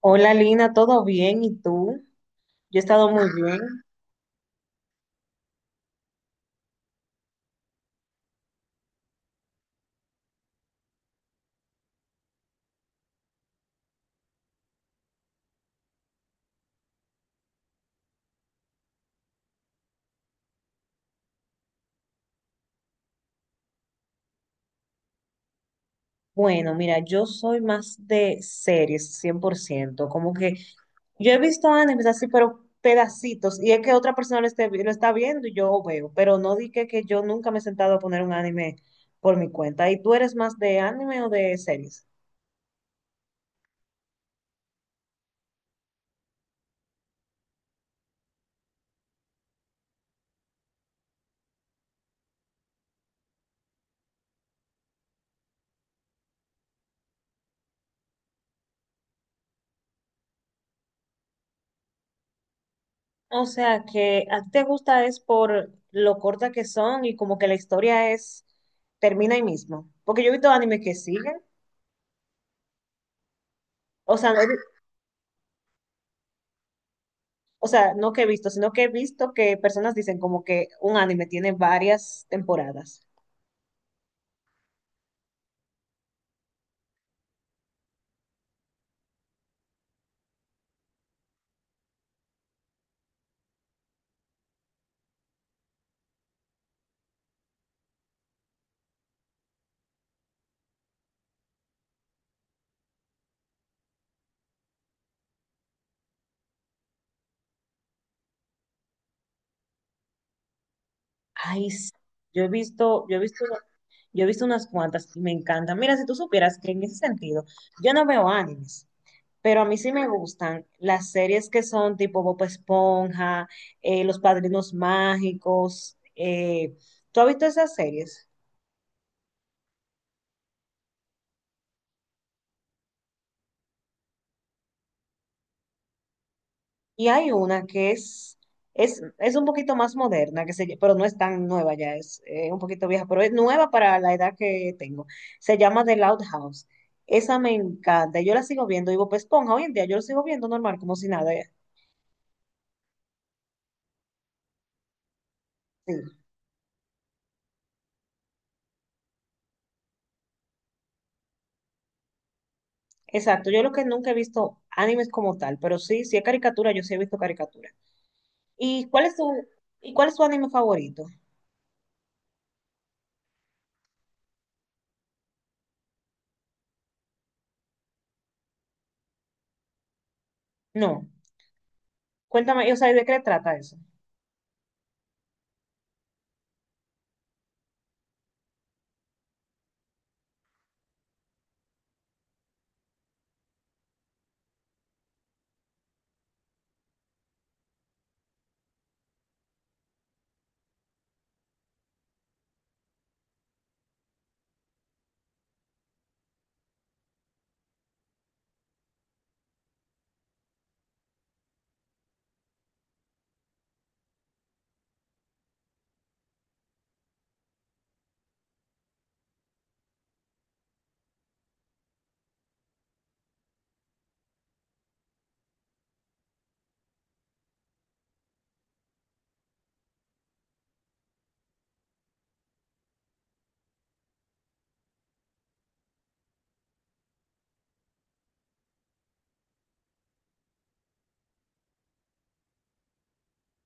Hola Lina, ¿todo bien? ¿Y tú? Yo he estado muy bien. Bueno, mira, yo soy más de series, 100%. Como que yo he visto animes así, pero pedacitos. Y es que otra persona lo, lo está viendo y yo veo. Pero no di que yo nunca me he sentado a poner un anime por mi cuenta. ¿Y tú eres más de anime o de series? O sea, que a ti te gusta es por lo corta que son y como que la historia es, termina ahí mismo. Porque yo he visto animes que siguen. O sea, no o sea, no que he visto, sino que he visto que personas dicen como que un anime tiene varias temporadas. Ay, sí. Yo he visto, yo he visto, yo he visto unas cuantas y me encantan. Mira, si tú supieras que en ese sentido, yo no veo animes. Pero a mí sí me gustan las series que son tipo Bob Esponja, Los Padrinos Mágicos. ¿Tú has visto esas series? Y hay una que es, es un poquito más moderna, pero no es tan nueva ya, es un poquito vieja, pero es nueva para la edad que tengo. Se llama The Loud House. Esa me encanta. Yo la sigo viendo, y Bob Esponja, hoy en día yo lo sigo viendo normal, como si nada. Sí, exacto. Yo lo que nunca he visto animes como tal, pero sí, si es caricatura, yo sí he visto caricatura. ¿Y cuál es tu, ¿Y cuál es tu anime favorito? No, cuéntame, o sea, ¿de qué trata eso?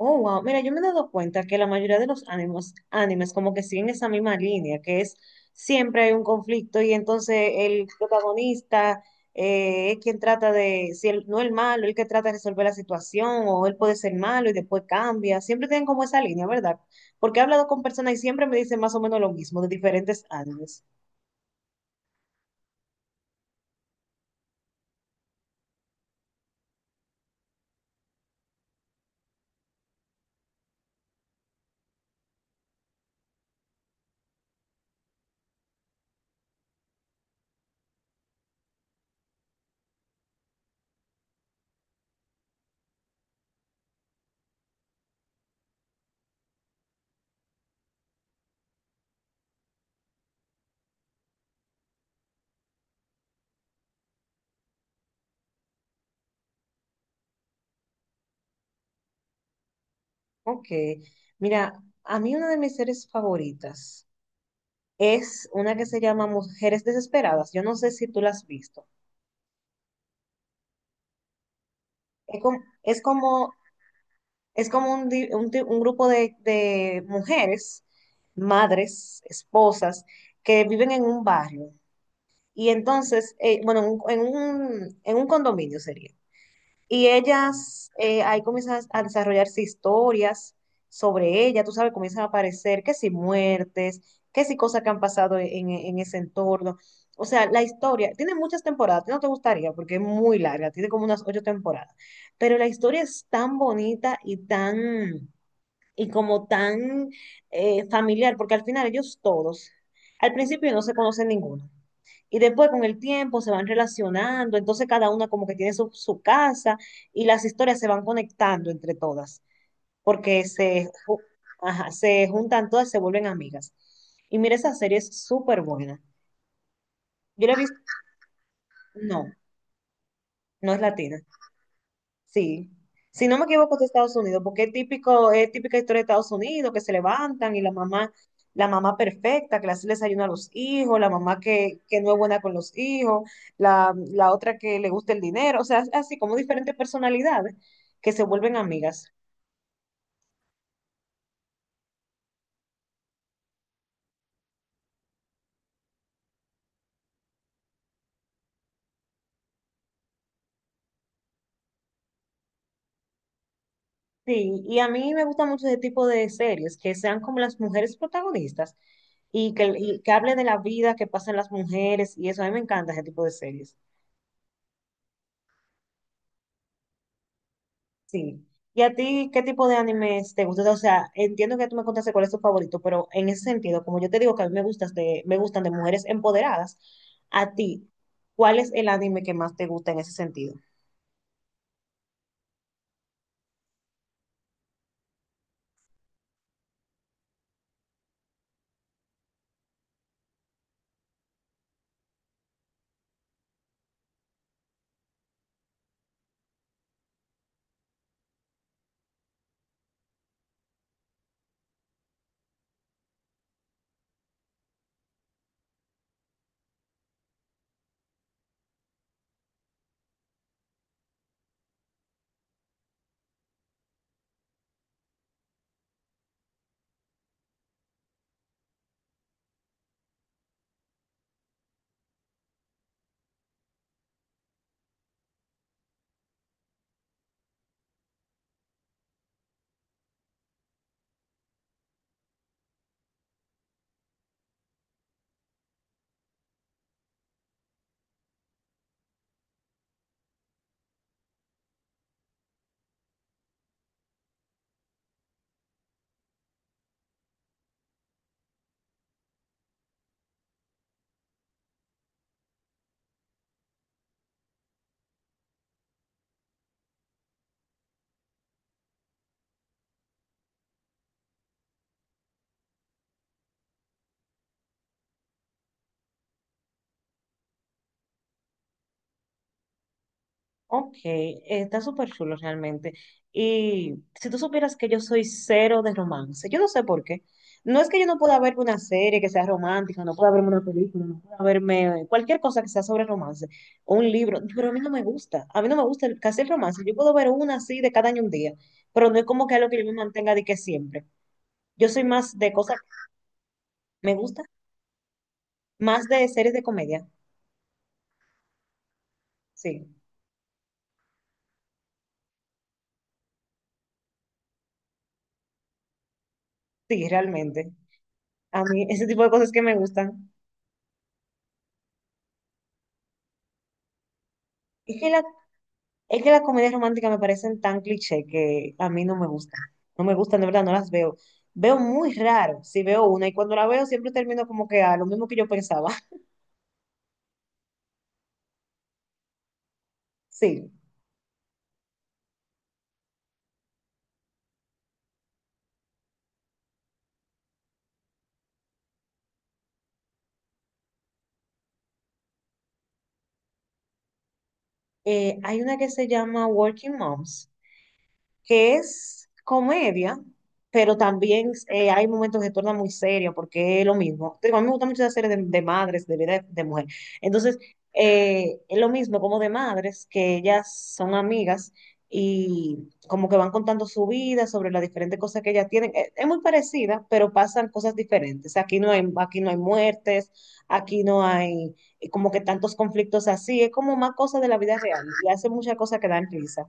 Oh, wow, mira, yo me he dado cuenta que la mayoría de los animes como que siguen esa misma línea, que es siempre hay un conflicto y entonces el protagonista es quien trata de, si él, no el malo, el que trata de resolver la situación o él puede ser malo y después cambia, siempre tienen como esa línea, ¿verdad? Porque he hablado con personas y siempre me dicen más o menos lo mismo de diferentes animes. Ok, mira, a mí una de mis series favoritas es una que se llama Mujeres Desesperadas. Yo no sé si tú la has visto. Es como, es como, es como un, di- un ti- un grupo de mujeres, madres, esposas, que viven en un barrio. Y entonces, bueno, en un condominio sería. Y ellas, ahí comienzan a desarrollarse historias sobre ella, tú sabes, comienzan a aparecer que si muertes, que si cosas que han pasado en ese entorno. O sea, la historia tiene muchas temporadas, a ti no te gustaría porque es muy larga, tiene como unas ocho temporadas, pero la historia es tan bonita y tan, y como tan familiar, porque al final ellos todos, al principio no se conocen ninguno. Y después con el tiempo se van relacionando, entonces cada una como que tiene su casa y las historias se van conectando entre todas, porque se, ju- ajá, se juntan todas, se vuelven amigas. Y mira, esa serie es súper buena. Yo la he visto, no, no es latina. Sí. Si no me equivoco, es de Estados Unidos, porque es típico, es típica historia de Estados Unidos, que se levantan y la mamá perfecta, que le hace el desayuno a los hijos, la mamá que no es buena con los hijos, la otra que le gusta el dinero, o sea, así como diferentes personalidades que se vuelven amigas. Sí, y a mí me gusta mucho ese tipo de series, que sean como las mujeres protagonistas y que hable de la vida que pasan las mujeres y eso, a mí me encanta ese tipo de series. Sí. ¿Y a ti qué tipo de animes te gustan? O sea, entiendo que tú me contaste cuál es tu favorito, pero en ese sentido, como yo te digo que a mí me gustan de mujeres empoderadas, a ti, ¿cuál es el anime que más te gusta en ese sentido? Ok, está súper chulo realmente. Y si tú supieras que yo soy cero de romance, yo no sé por qué. No es que yo no pueda verme una serie que sea romántica, no pueda verme una película, no pueda verme cualquier cosa que sea sobre romance, o un libro, pero a mí no me gusta. A mí no me gusta el- casi el romance. Yo puedo ver una así de cada año un día, pero no es como que algo que yo me mantenga de que siempre. Yo soy más de cosas, me gusta, más de series de comedia. Sí, sí, realmente. A mí ese tipo de cosas que me gustan. Es que la Es que las comedias románticas me parecen tan cliché que a mí no me gustan. No me gustan, de verdad, no las veo. Veo muy raro si veo una y cuando la veo siempre termino como que a lo mismo que yo pensaba. Sí. Hay una que se llama Working Moms, que es comedia, pero también hay momentos que se torna muy serio porque es lo mismo. Te digo, a mí me gusta mucho la serie de madres, de vida de mujer. Entonces, es lo mismo como de madres, que ellas son amigas y como que van contando su vida sobre las diferentes cosas que ellas tienen. Es muy parecida, pero pasan cosas diferentes. Aquí no hay muertes, aquí no hay como que tantos conflictos así. Es como más cosas de la vida real y hace muchas cosas que dan risa.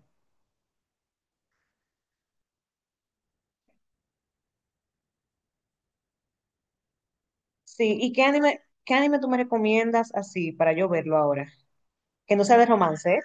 Sí, ¿qué anime tú me recomiendas así para yo verlo ahora? ¿Que no sea de romance, eh?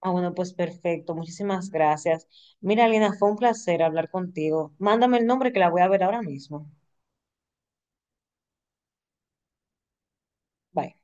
Ah, bueno, pues perfecto, muchísimas gracias. Mira, Lina, fue un placer hablar contigo. Mándame el nombre que la voy a ver ahora mismo. Bye.